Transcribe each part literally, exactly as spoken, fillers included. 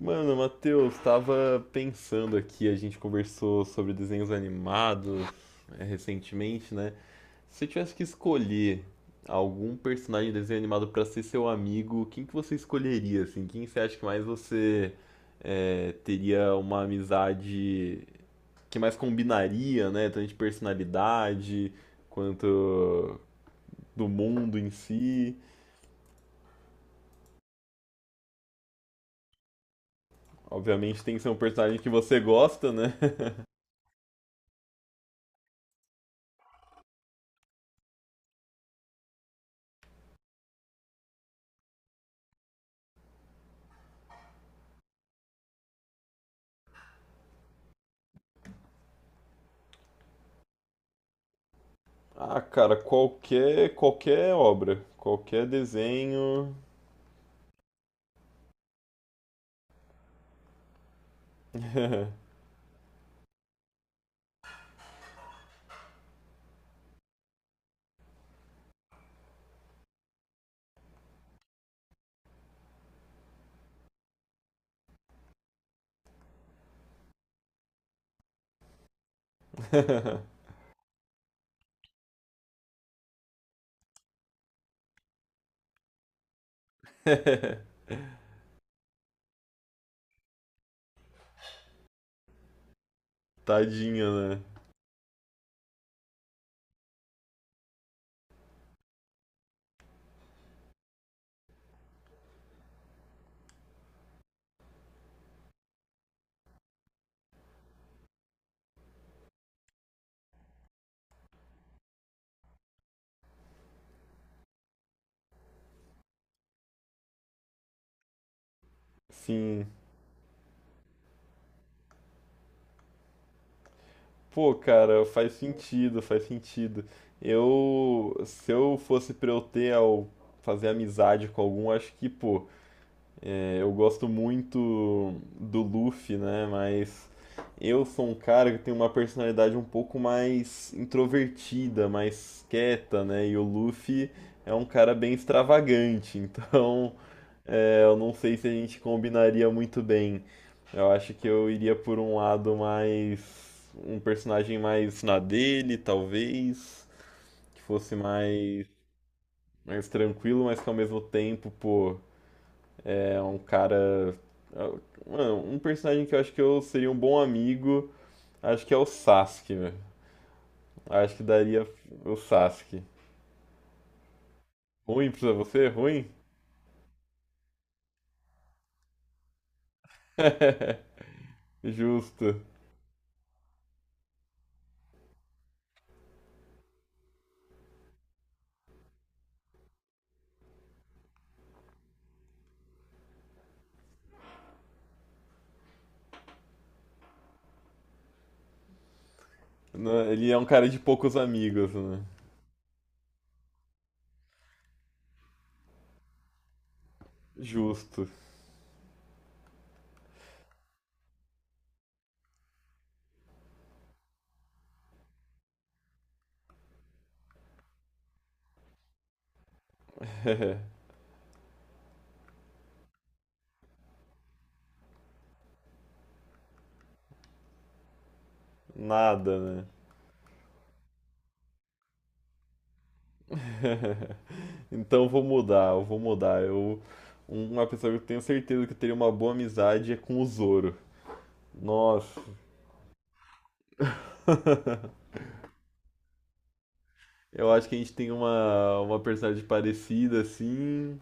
Mano, Matheus, tava pensando aqui, a gente conversou sobre desenhos animados é, recentemente, né? Se você tivesse que escolher algum personagem de desenho animado pra ser seu amigo, quem que você escolheria, assim? Quem você acha que mais você é, teria uma amizade que mais combinaria, né? Tanto de personalidade quanto do mundo em si. Obviamente tem que ser um personagem que você gosta, né? Ah, cara, qualquer qualquer obra, qualquer desenho. Tadinha, né? Sim. Pô, cara, faz sentido, faz sentido. Eu, se eu fosse pra eu ter ao fazer amizade com algum, acho que, pô, eu gosto muito do Luffy, né? Mas eu sou um cara que tem uma personalidade um pouco mais introvertida, mais quieta, né? E o Luffy é um cara bem extravagante, então é, eu não sei se a gente combinaria muito bem. Eu acho que eu iria por um lado mais. Um personagem mais na dele, talvez. Que fosse mais, mais tranquilo, mas que ao mesmo tempo, pô, é um cara. Mano, um personagem que eu acho que eu seria um bom amigo, acho que é o Sasuke, velho. Acho que daria o Sasuke. Ruim pra você? Ruim? Justo. Né? Ele é um cara de poucos amigos, né? Justo. Nada, né? Então eu vou mudar, eu vou mudar. Eu, uma pessoa que eu tenho certeza que eu teria uma boa amizade é com o Zoro. Nossa, eu acho que a gente tem uma, uma personalidade parecida, assim.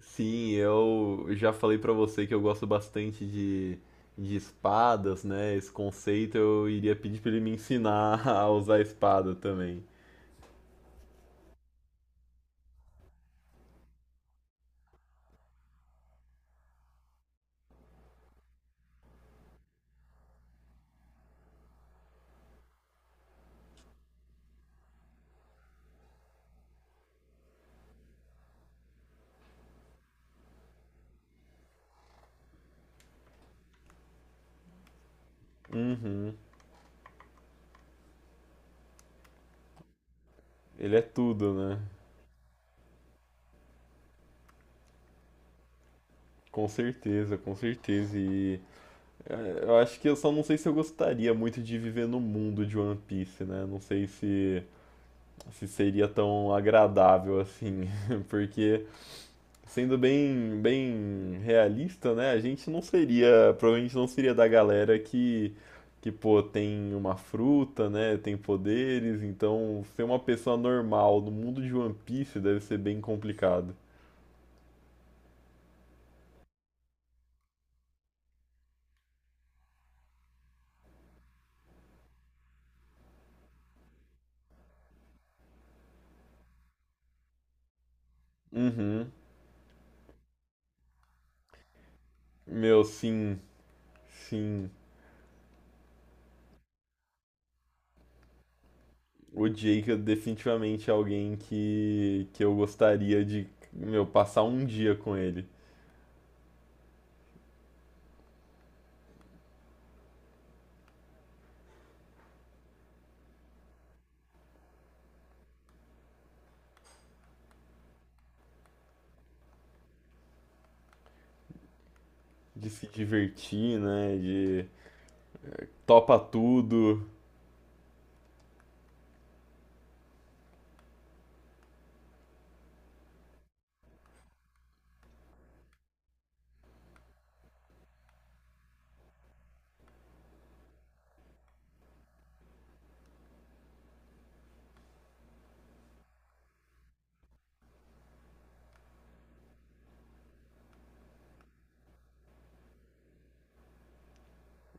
Sim, eu já falei pra você que eu gosto bastante de, de espadas, né? Esse conceito eu iria pedir pra ele me ensinar a usar espada também. Uhum. Ele é tudo, né? Com certeza, com certeza. E é, eu acho que eu só não sei se eu gostaria muito de viver no mundo de One Piece, né? Não sei se, se seria tão agradável assim, porque sendo bem, bem realista, né? A gente não seria, provavelmente não seria da galera que, que pô, tem uma fruta, né? Tem poderes, então ser uma pessoa normal no mundo de One Piece deve ser bem complicado. Uhum. Meu, sim, sim. O Jake é definitivamente é alguém que, que eu gostaria de, meu, passar um dia com ele. De se divertir, né? De topa tudo.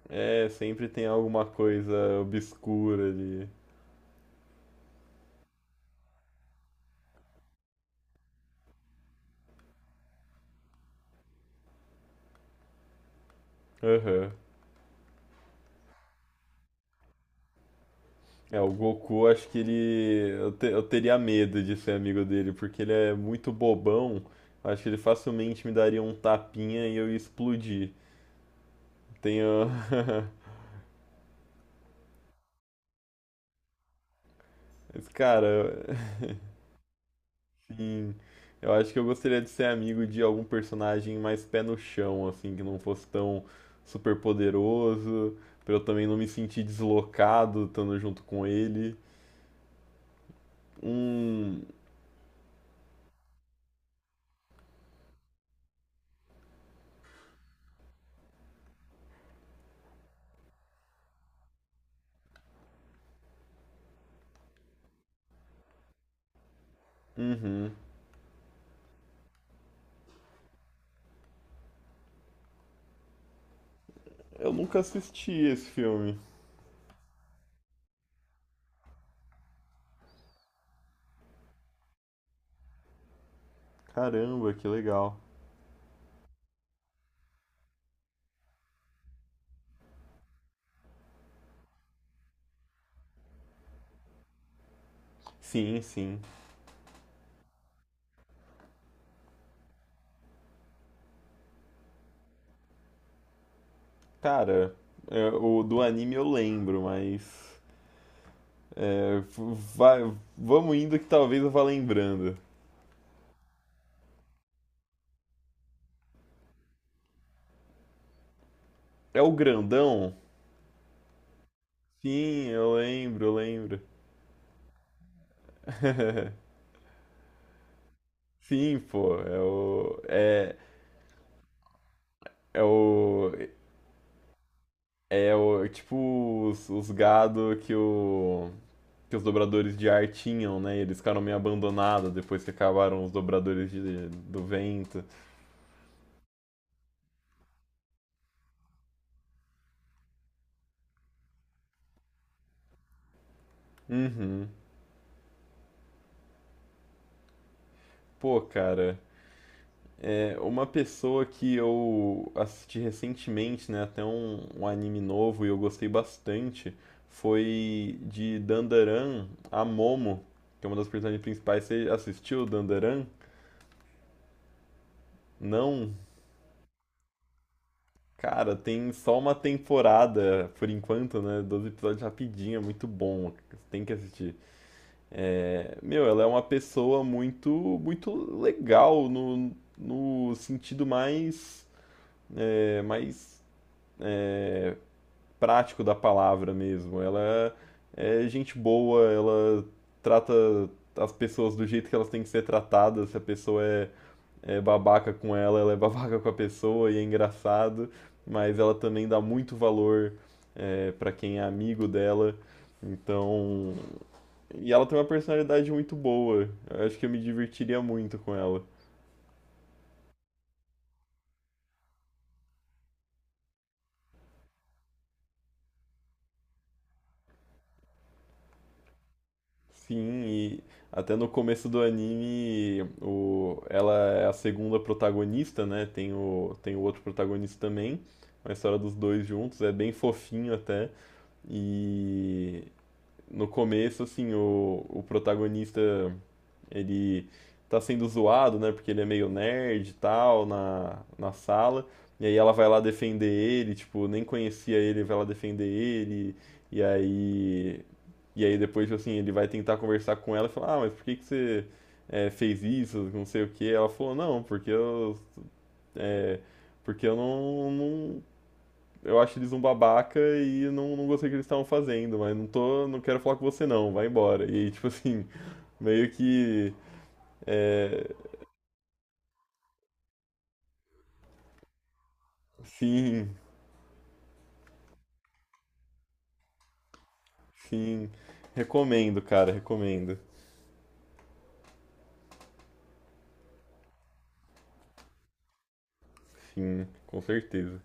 É, sempre tem alguma coisa obscura ali. Aham. É, o Goku, acho que ele. Eu, te- eu teria medo de ser amigo dele, porque ele é muito bobão. Acho que ele facilmente me daria um tapinha e eu ia explodir. Tenho. Mas, cara, assim. Eu acho que eu gostaria de ser amigo de algum personagem mais pé no chão, assim, que não fosse tão super poderoso, pra eu também não me sentir deslocado estando junto com ele. Um, uhum. Eu nunca assisti esse filme. Caramba, que legal. Sim, sim. Cara, é, o do anime eu lembro, mas. é, Vai, vamos indo que talvez eu vá lembrando. É o grandão? Sim, eu lembro, eu lembro. Sim, pô, é o. É, é o. É o, tipo os, os gado que, o, que os dobradores de ar tinham, né? E eles ficaram meio abandonados depois que acabaram os dobradores de- do vento. Uhum. Pô, cara. É uma pessoa que eu assisti recentemente, né? Até um, um anime novo e eu gostei bastante. Foi de Dandaran a Momo, que é uma das personagens principais. Você assistiu Dandaran? Não? Cara, tem só uma temporada por enquanto, né? Doze episódios rapidinho, é muito bom. Tem que assistir. É, meu, ela é uma pessoa muito, muito legal no, no sentido mais, é, mais é, prático da palavra mesmo. Ela é é gente boa, ela trata as pessoas do jeito que elas têm que ser tratadas. Se a pessoa é é babaca com ela, ela é babaca com a pessoa e é engraçado, mas ela também dá muito valor é, para quem é amigo dela. Então, e ela tem uma personalidade muito boa. Eu acho que eu me divertiria muito com ela. Sim, e até no começo do anime, o, ela é a segunda protagonista, né? Tem o, tem o outro protagonista também. A história dos dois juntos é bem fofinho até. E no começo, assim, o, o protagonista ele tá sendo zoado, né? Porque ele é meio nerd e tal na, na sala. E aí ela vai lá defender ele, tipo, nem conhecia ele, vai lá defender ele. E aí. E aí depois, tipo assim, ele vai tentar conversar com ela e falar, ah, mas por que que você é, fez isso? Não sei o quê. Ela falou, não, porque eu. é, Porque eu não, não- eu acho eles um babaca e não, não gostei do que eles estavam fazendo, mas não tô. Não quero falar com você não, vai embora. E aí, tipo assim, meio que. É, sim, sim. Recomendo, cara, recomendo. Sim, com certeza.